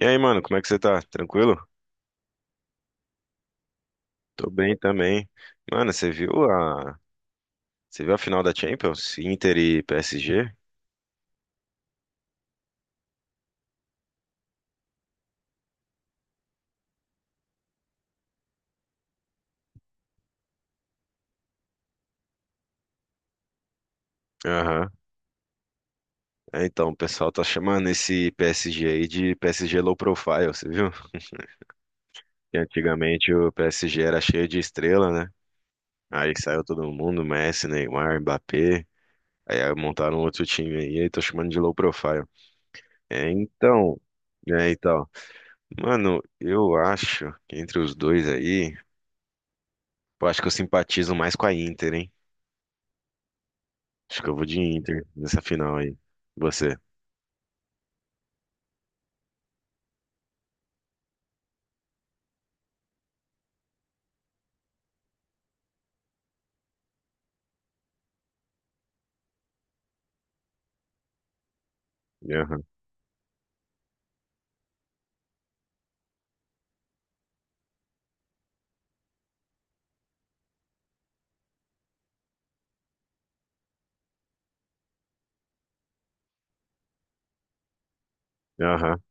E aí, mano, como é que você tá? Tranquilo? Tô bem também. Mano, você viu a final da Champions? Inter e PSG? Aham. É, então, o pessoal tá chamando esse PSG aí de PSG low profile, você viu? Que antigamente o PSG era cheio de estrela, né? Aí saiu todo mundo, Messi, Neymar, Mbappé. Aí montaram outro time aí, aí tô chamando de low profile. É, então, é, então. Mano, eu acho que entre os dois aí, eu acho que eu simpatizo mais com a Inter, hein? Acho que eu vou de Inter nessa final aí. Você. Aham. Aham.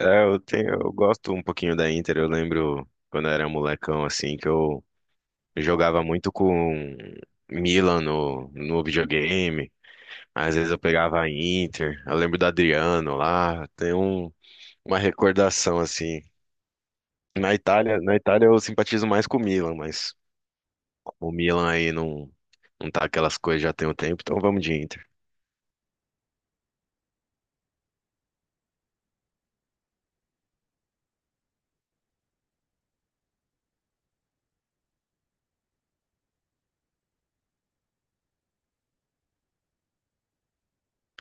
Eu gosto um pouquinho da Inter. Eu lembro quando eu era molecão, assim, que eu jogava muito com Milan no videogame. Às vezes eu pegava a Inter. Eu lembro do Adriano lá. Uma recordação, assim. Na Itália eu simpatizo mais com o Milan, mas o Milan aí não tá aquelas coisas, já tem um tempo, então vamos de Inter.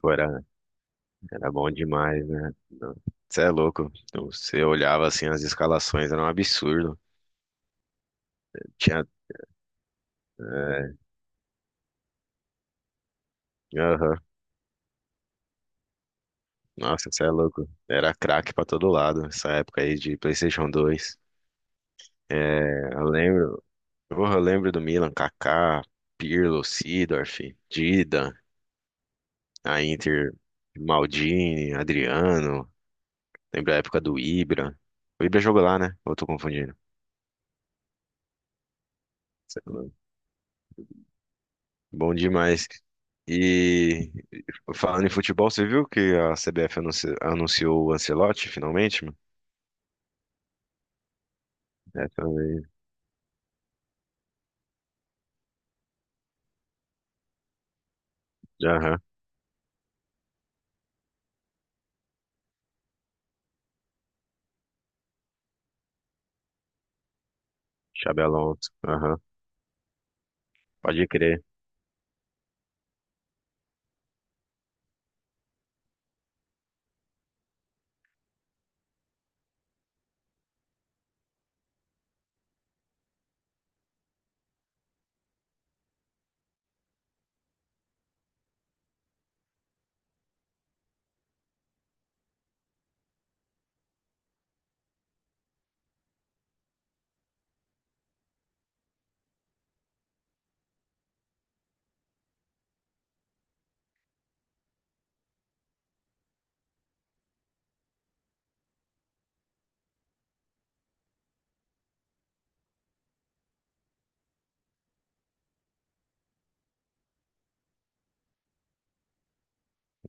Pô, era, era bom demais, né? Você é louco. Você olhava assim as escalações, era um absurdo. Tinha. É, aham. Nossa, você é louco. Era craque pra todo lado, essa época aí de PlayStation dois. É, eu lembro. Porra, eu lembro do Milan, Kaká, Pirlo, Seedorf, Dida, a Inter, Maldini, Adriano. Lembro a época do Ibra. O Ibra jogou lá, né? Ou eu tô confundindo? Sei lá. Bom demais. E falando em futebol, você viu que a CBF anunciou o Ancelotti finalmente, mano? É, também. Aham. Xabi Alonso. Aham. Pode crer.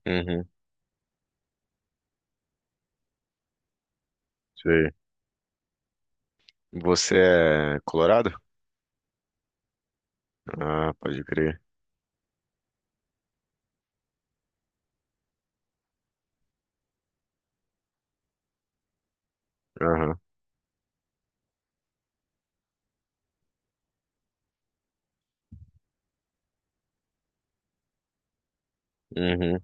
Uhum. Sei. Você é colorado? Ah, pode crer. Aham. Uhum.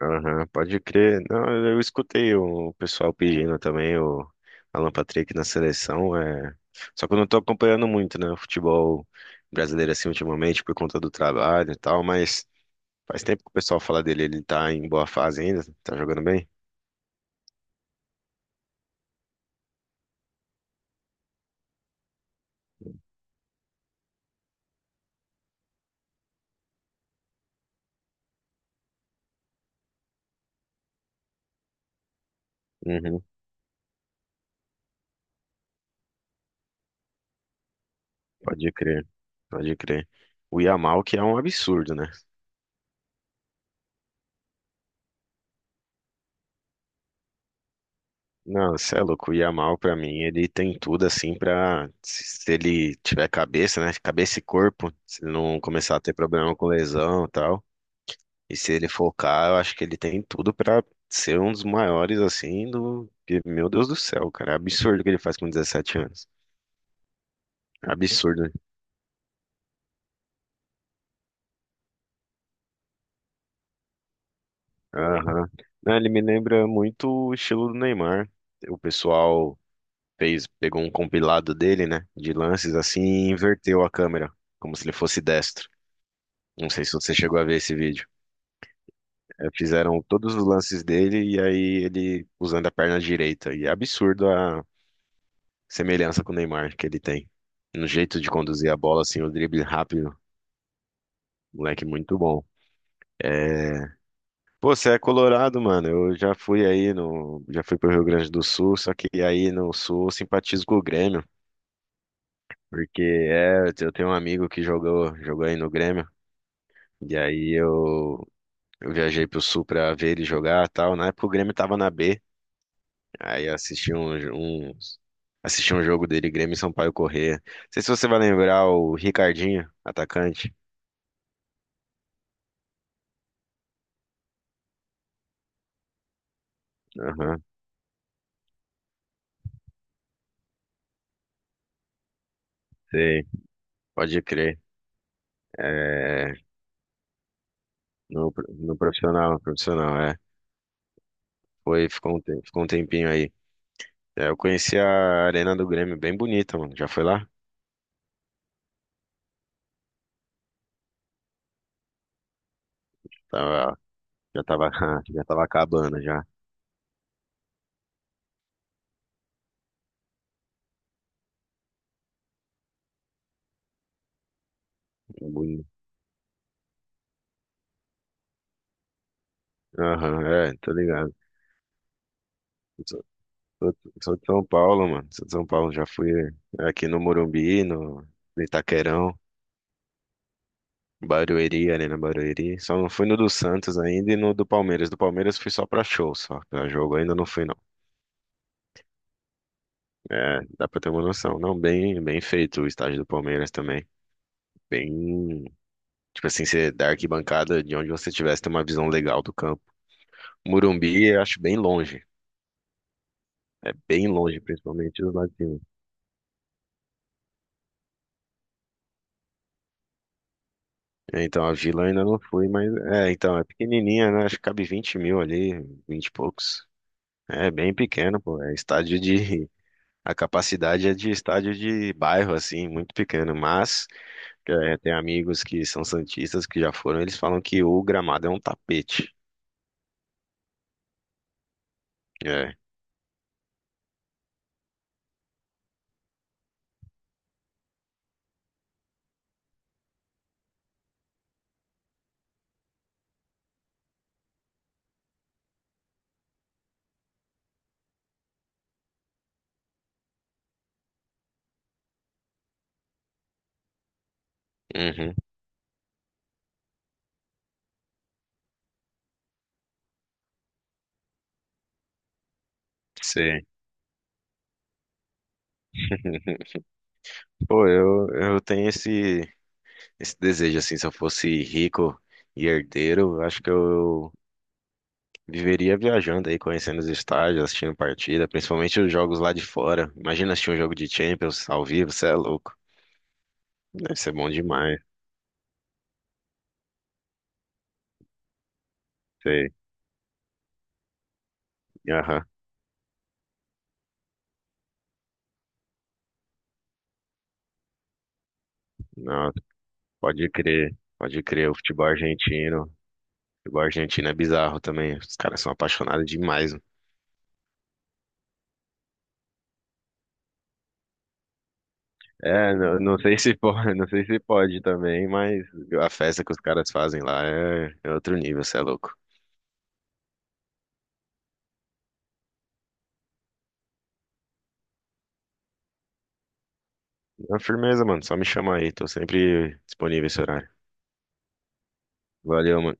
Aham, pode crer. Não, eu escutei o pessoal pedindo também o Alan Patrick na seleção. É... Só que eu não tô acompanhando muito, né, o futebol brasileiro assim ultimamente por conta do trabalho e tal, mas faz tempo que o pessoal fala dele. Ele tá em boa fase ainda, tá jogando bem? Uhum, pode crer, pode crer. O Yamal que é um absurdo, né? Não, você é louco. O Yamal, pra mim, ele tem tudo assim pra. Se ele tiver cabeça, né? Cabeça e corpo, se ele não começar a ter problema com lesão e tal. E se ele focar, eu acho que ele tem tudo pra ser um dos maiores, assim, do. Que, Meu Deus do céu, cara. É absurdo o que ele faz com 17 anos. Absurdo. Né? Aham. Não, ele me lembra muito o estilo do Neymar. O pessoal fez, pegou um compilado dele, né? De lances assim e inverteu a câmera, como se ele fosse destro. Não sei se você chegou a ver esse vídeo. É, fizeram todos os lances dele e aí ele usando a perna direita. E é absurdo a semelhança com o Neymar que ele tem. No jeito de conduzir a bola, assim, o drible rápido. Moleque muito bom. É... Pô, você é colorado, mano. Eu já fui aí no. Já fui pro Rio Grande do Sul, só que aí no Sul eu simpatizo com o Grêmio. Porque é, eu tenho um amigo que jogou aí no Grêmio. E aí eu, eu viajei pro Sul pra ver ele jogar e tal. Na época o Grêmio tava na B. Aí assisti um, um, assisti um jogo dele, Grêmio e Sampaio Corrêa. Não sei se você vai lembrar o Ricardinho, atacante. Aham, sei. Pode crer. É, no, no profissional, profissional, é. Foi, ficou um, ficou um tempinho aí. É, eu conheci a Arena do Grêmio, bem bonita, mano. Já foi lá? Tava, já tava, já tava acabando, já. Boni- Aham, é, tô ligado. Eu Sou, sou, sou de São Paulo, mano. Sou de São Paulo, já fui aqui no Morumbi, no Itaquerão. Barueri, Arena Barueri. Só não fui no do Santos ainda e no do Palmeiras. Do Palmeiras fui só pra show, só. Pra jogo ainda não fui, não. É, dá pra ter uma noção. Não, bem, bem feito o estádio do Palmeiras também. Bem, tipo assim, você da arquibancada de onde você tivesse tem uma visão legal do campo. Murumbi, eu acho bem longe. É bem longe, principalmente do lado latino. É, então, a Vila eu ainda não fui, mas... É, então, é pequenininha, né? Acho que cabe 20 mil ali, 20 e poucos. É bem pequeno, pô. É estádio de. A capacidade é de estádio de bairro, assim, muito pequeno, mas é, tem amigos que são santistas que já foram, eles falam que o gramado é um tapete. É, uhum, sei. Eu tenho esse desejo, assim, se eu fosse rico e herdeiro, eu acho que eu viveria viajando aí, conhecendo os estádios, assistindo partida, principalmente os jogos lá de fora. Imagina assistir um jogo de Champions ao vivo, você é louco. Deve ser bom demais. Sei. Aham. Nossa. Pode crer, pode crer. O futebol argentino é bizarro também. Os caras são apaixonados demais, mano. É, não sei se pode, não sei se pode também, mas a festa que os caras fazem lá é outro nível, cê é louco. É firmeza, mano. Só me chama aí, tô sempre disponível esse horário. Valeu, mano.